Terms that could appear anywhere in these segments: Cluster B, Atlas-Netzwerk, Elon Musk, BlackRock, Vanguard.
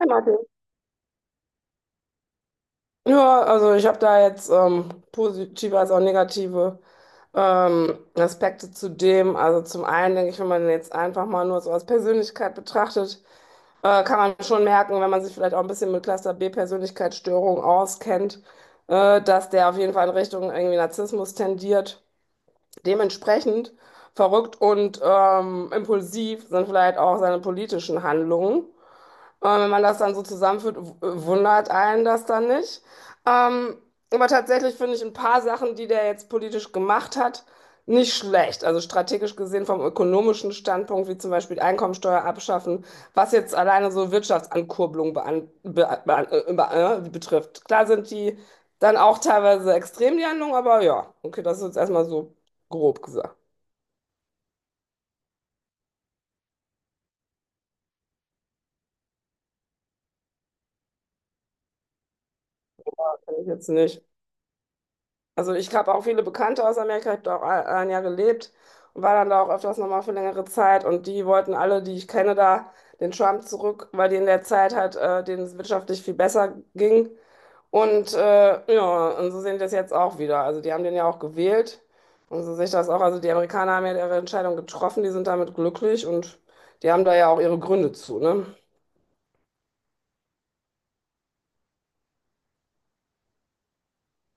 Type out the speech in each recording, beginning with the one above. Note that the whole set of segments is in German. Hi, Martin. Ja, also ich habe da jetzt positive als auch negative Aspekte zu dem. Also zum einen denke ich, wenn man den jetzt einfach mal nur so als Persönlichkeit betrachtet, kann man schon merken, wenn man sich vielleicht auch ein bisschen mit Cluster B Persönlichkeitsstörung auskennt, dass der auf jeden Fall in Richtung irgendwie Narzissmus tendiert. Dementsprechend verrückt und impulsiv sind vielleicht auch seine politischen Handlungen. Aber wenn man das dann so zusammenführt, wundert einen das dann nicht. Ähm, aber tatsächlich finde ich ein paar Sachen, die der jetzt politisch gemacht hat, nicht schlecht. Also strategisch gesehen vom ökonomischen Standpunkt, wie zum Beispiel Einkommensteuer abschaffen, was jetzt alleine so Wirtschaftsankurbelung bean be betrifft. Klar sind die dann auch teilweise extrem, die Handlung, aber ja, okay, das ist jetzt erstmal so grob gesagt. Kann ich jetzt nicht. Also ich habe auch viele Bekannte aus Amerika, ich habe da auch ein Jahr gelebt und war dann da auch öfters nochmal für längere Zeit und die wollten alle, die ich kenne, da den Trump zurück, weil die in der Zeit halt denen es wirtschaftlich viel besser ging. Und ja, und so sehen die das jetzt auch wieder. Also die haben den ja auch gewählt und so sehe ich das auch. Also die Amerikaner haben ja ihre Entscheidung getroffen, die sind damit glücklich und die haben da ja auch ihre Gründe zu, ne?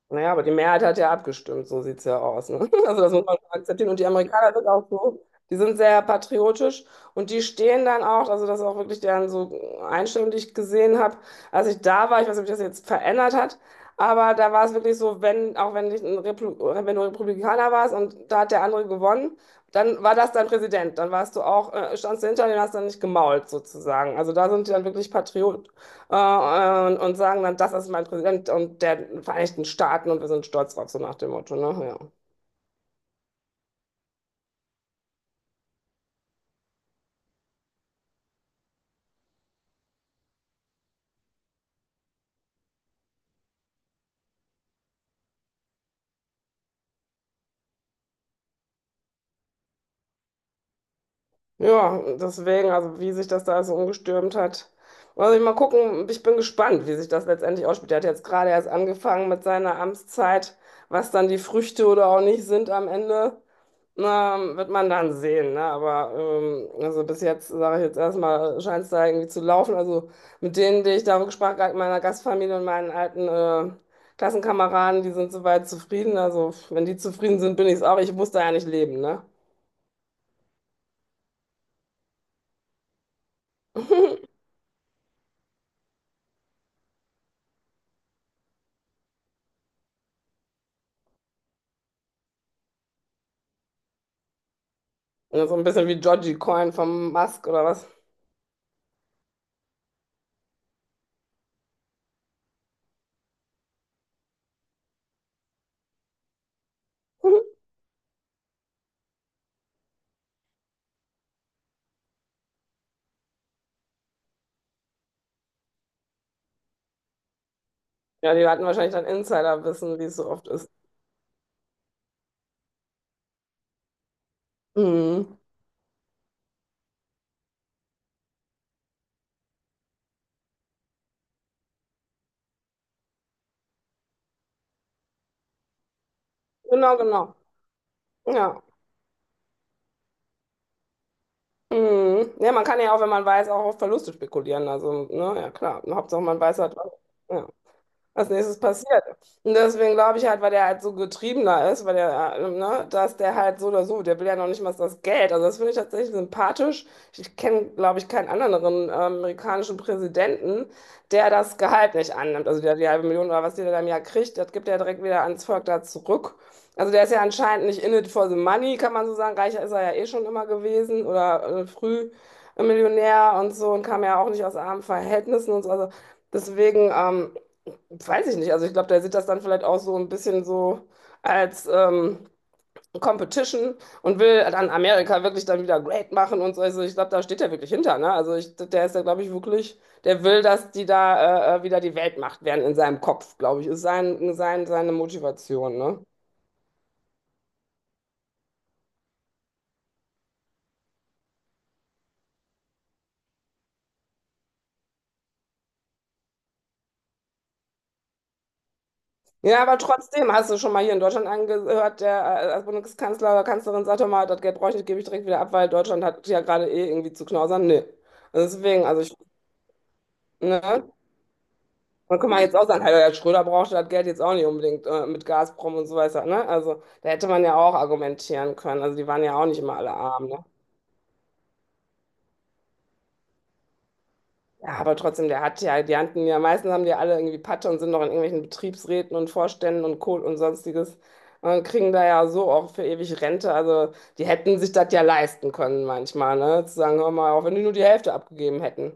Naja, aber die Mehrheit hat ja abgestimmt, so sieht es ja aus. Ne? Also das muss man akzeptieren. Und die Amerikaner sind auch so, die sind sehr patriotisch und die stehen dann auch, also das ist auch wirklich deren so Einstellung, die ich gesehen habe, als ich da war, ich weiß nicht, ob sich das jetzt verändert hat, aber da war es wirklich so, wenn, auch wenn, ich ein Replu wenn du Republikaner warst und da hat der andere gewonnen, dann war das dein Präsident, dann warst du auch, standst du hinter dem, hast dann nicht gemault sozusagen. Also da sind die dann wirklich und sagen dann, das ist mein Präsident und der Vereinigten Staaten und wir sind stolz drauf, so nach dem Motto, ne? Ja. Ja, deswegen, also wie sich das da so umgestürmt hat. Also ich mal gucken, ich bin gespannt, wie sich das letztendlich ausspielt. Der hat jetzt gerade erst angefangen mit seiner Amtszeit, was dann die Früchte oder auch nicht sind am Ende. Na, wird man dann sehen, ne? Aber also bis jetzt, sage ich jetzt erstmal, scheint es da irgendwie zu laufen. Also mit denen, die ich da gesprochen habe, meiner Gastfamilie und meinen alten Klassenkameraden, die sind soweit zufrieden. Also wenn die zufrieden sind, bin ich es auch. Ich muss da ja nicht leben, ne? Und so ein bisschen wie Georgie Coin vom Musk oder was. Ja, die hatten wahrscheinlich dann Insiderwissen, wie es so oft ist. Mhm. Genau, genau. Ja. Mhm. Ja, man kann ja auch, wenn man weiß, auch auf Verluste spekulieren. Also, ne, ja klar. Hauptsache man weiß halt was. Ja. als nächstes passiert. Und deswegen glaube ich halt, weil der halt so getriebener ist, weil der, ne, dass der halt so oder so, der will ja noch nicht mal das Geld. Also das finde ich tatsächlich sympathisch. Ich kenne, glaube ich, keinen anderen amerikanischen Präsidenten, der das Gehalt nicht annimmt. Also der die halbe Million oder was der da im Jahr kriegt, das gibt er direkt wieder ans Volk da zurück. Also der ist ja anscheinend nicht in it for the money, kann man so sagen. Reicher ist er ja eh schon immer gewesen oder früh Millionär und so und kam ja auch nicht aus armen Verhältnissen und so. Also deswegen, weiß ich nicht. Also ich glaube, der sieht das dann vielleicht auch so ein bisschen so als Competition und will dann Amerika wirklich dann wieder great machen und so. Also ich glaube, da steht er wirklich hinter, ne? Also ich, der ist ja, glaube ich, wirklich, der will, dass die da wieder die Weltmacht werden in seinem Kopf, glaube ich, ist seine Motivation, ne? Ja, aber trotzdem, hast du schon mal hier in Deutschland angehört, der als Bundeskanzler oder Kanzlerin sagt doch mal, das Geld brauche ich nicht, gebe ich direkt wieder ab, weil Deutschland hat ja gerade eh irgendwie zu knausern. Nee. Also deswegen, also ich, ne? Und guck mal, jetzt auch sagen, hey, Herr Schröder brauchte das Geld jetzt auch nicht unbedingt mit Gazprom und so weiter, ne? Also da hätte man ja auch argumentieren können. Also die waren ja auch nicht immer alle arm, ne? Ja, aber trotzdem, der hat ja, die hatten ja, meistens haben die alle irgendwie Patte und sind noch in irgendwelchen Betriebsräten und Vorständen und Kohl und sonstiges und kriegen da ja so auch für ewig Rente. Also die hätten sich das ja leisten können manchmal, ne? Zu sagen, hör mal, auch wenn die nur die Hälfte abgegeben hätten,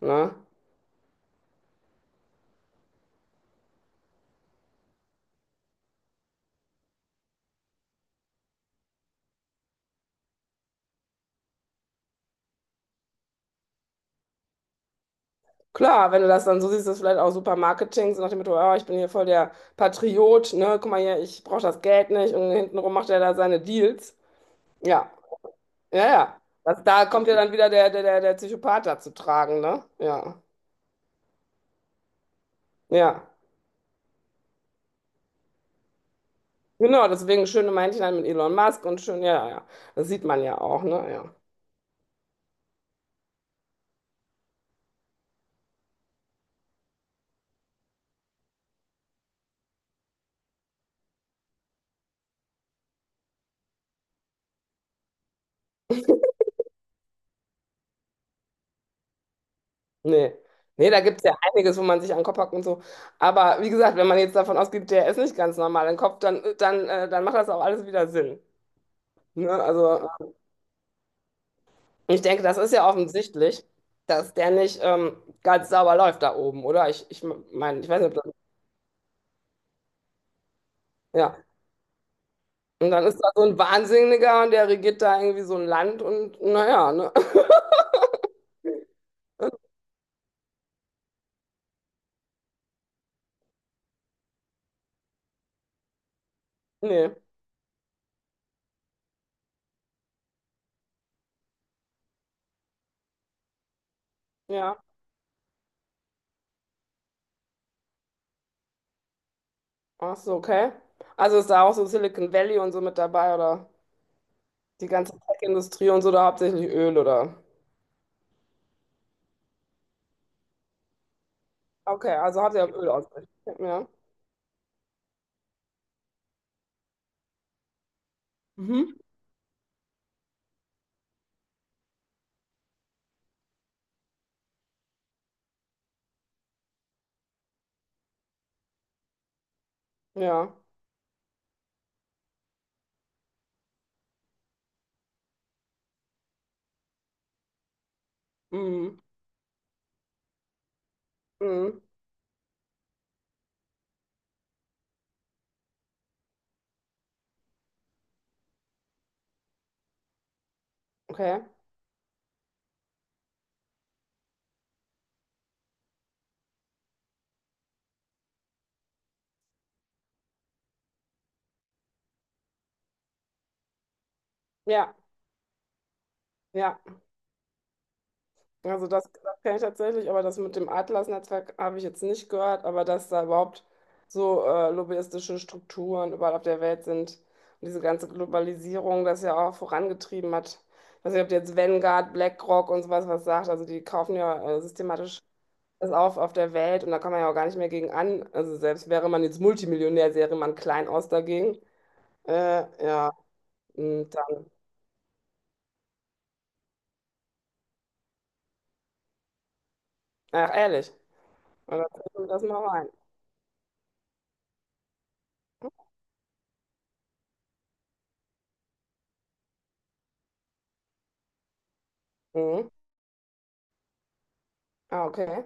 ne? Klar, wenn du das dann so siehst, ist das vielleicht auch super Marketing, so nach dem Motto, oh, ich bin hier voll der Patriot, ne, guck mal hier, ich brauche das Geld nicht und hintenrum macht er da seine Deals. Ja, ja, ja. Das, da kommt ja dann wieder der Psychopath da zu tragen, ne? Ja, ja. Genau, deswegen schöne Männchen halt mit Elon Musk und schön, ja, ja. ja. Das sieht man ja auch, ne? Ja. Nee. Nee, da gibt es ja einiges, wo man sich an den Kopf hackt und so. Aber wie gesagt, wenn man jetzt davon ausgeht, der ist nicht ganz normal im Kopf, dann macht das auch alles wieder Sinn. Ne? Also, ich denke, das ist ja offensichtlich, dass der nicht ganz sauber läuft da oben, oder? Ich meine, ich weiß nicht, ob das, ja. Und dann ist da so ein Wahnsinniger und der regiert da irgendwie so ein Land und naja, ne? Nee, ja. Ach so, okay. Also ist da auch so Silicon Valley und so mit dabei oder die ganze Tech-Industrie und so, da hauptsächlich Öl oder? Okay, also hat er Öl ausgerichtet. Ja. Mhm. Ja. Mhm. Mhm. Okay. Ja. Ja. Also das kenne ich tatsächlich, aber das mit dem Atlas-Netzwerk habe ich jetzt nicht gehört, aber dass da überhaupt so lobbyistische Strukturen überall auf der Welt sind und diese ganze Globalisierung das ja auch vorangetrieben hat. Ich weiß nicht, ob dir jetzt Vanguard, BlackRock und sowas was sagt, also die kaufen ja systematisch das auf der Welt und da kann man ja auch gar nicht mehr gegen an. Also selbst wäre man jetzt Multimillionär, sähe man klein aus dagegen. Ja, und dann, ach ehrlich, das, das mal rein. Mhm. Ah, okay.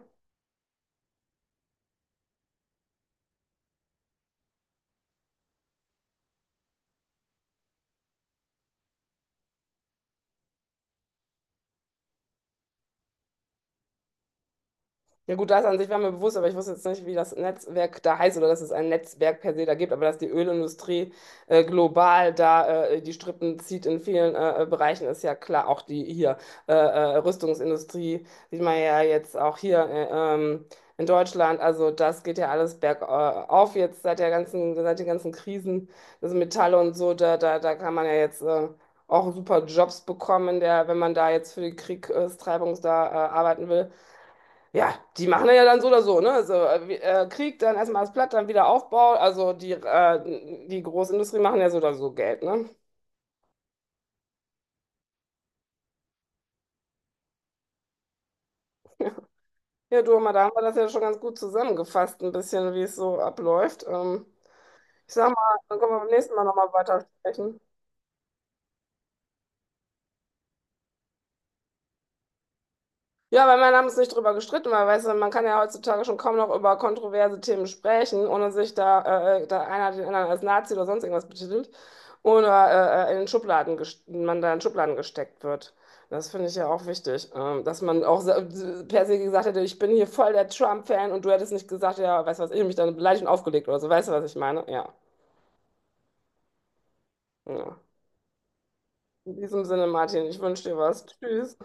Ja gut, das an sich war mir bewusst, aber ich wusste jetzt nicht, wie das Netzwerk da heißt oder dass es ein Netzwerk per se da gibt, aber dass die Ölindustrie global da die Strippen zieht in vielen Bereichen, ist ja klar. Auch die hier Rüstungsindustrie sieht man ja jetzt auch hier ähm, in Deutschland. Also das geht ja alles bergauf jetzt seit der ganzen, seit den ganzen Krisen, das Metalle und so, da kann man ja jetzt auch super Jobs bekommen, der, wenn man da jetzt für die Kriegstreibung da arbeiten will. Ja, die machen das ja dann so oder so, ne? Also, Krieg, dann erstmal das Platt, dann wieder Aufbau. Also die, die Großindustrie machen ja so oder so Geld, ne? Ja, du, mal, da haben wir das ja schon ganz gut zusammengefasst, ein bisschen, wie es so abläuft. Ich sag mal, dann können wir beim nächsten Mal nochmal weiter sprechen. Ja, weil wir haben uns nicht drüber gestritten, weil weißt du, man kann ja heutzutage schon kaum noch über kontroverse Themen sprechen, ohne sich da, da einer den anderen als Nazi oder sonst irgendwas betitelt oder in den Schubladen man da in Schubladen gesteckt wird. Das finde ich ja auch wichtig, dass man auch per se gesagt hätte, ich bin hier voll der Trump-Fan und du hättest nicht gesagt, ja, weißt du was, ich hab mich dann beleidigt und aufgelegt oder so, weißt du, was ich meine? Ja. ja. In diesem Sinne, Martin, ich wünsche dir was. Tschüss.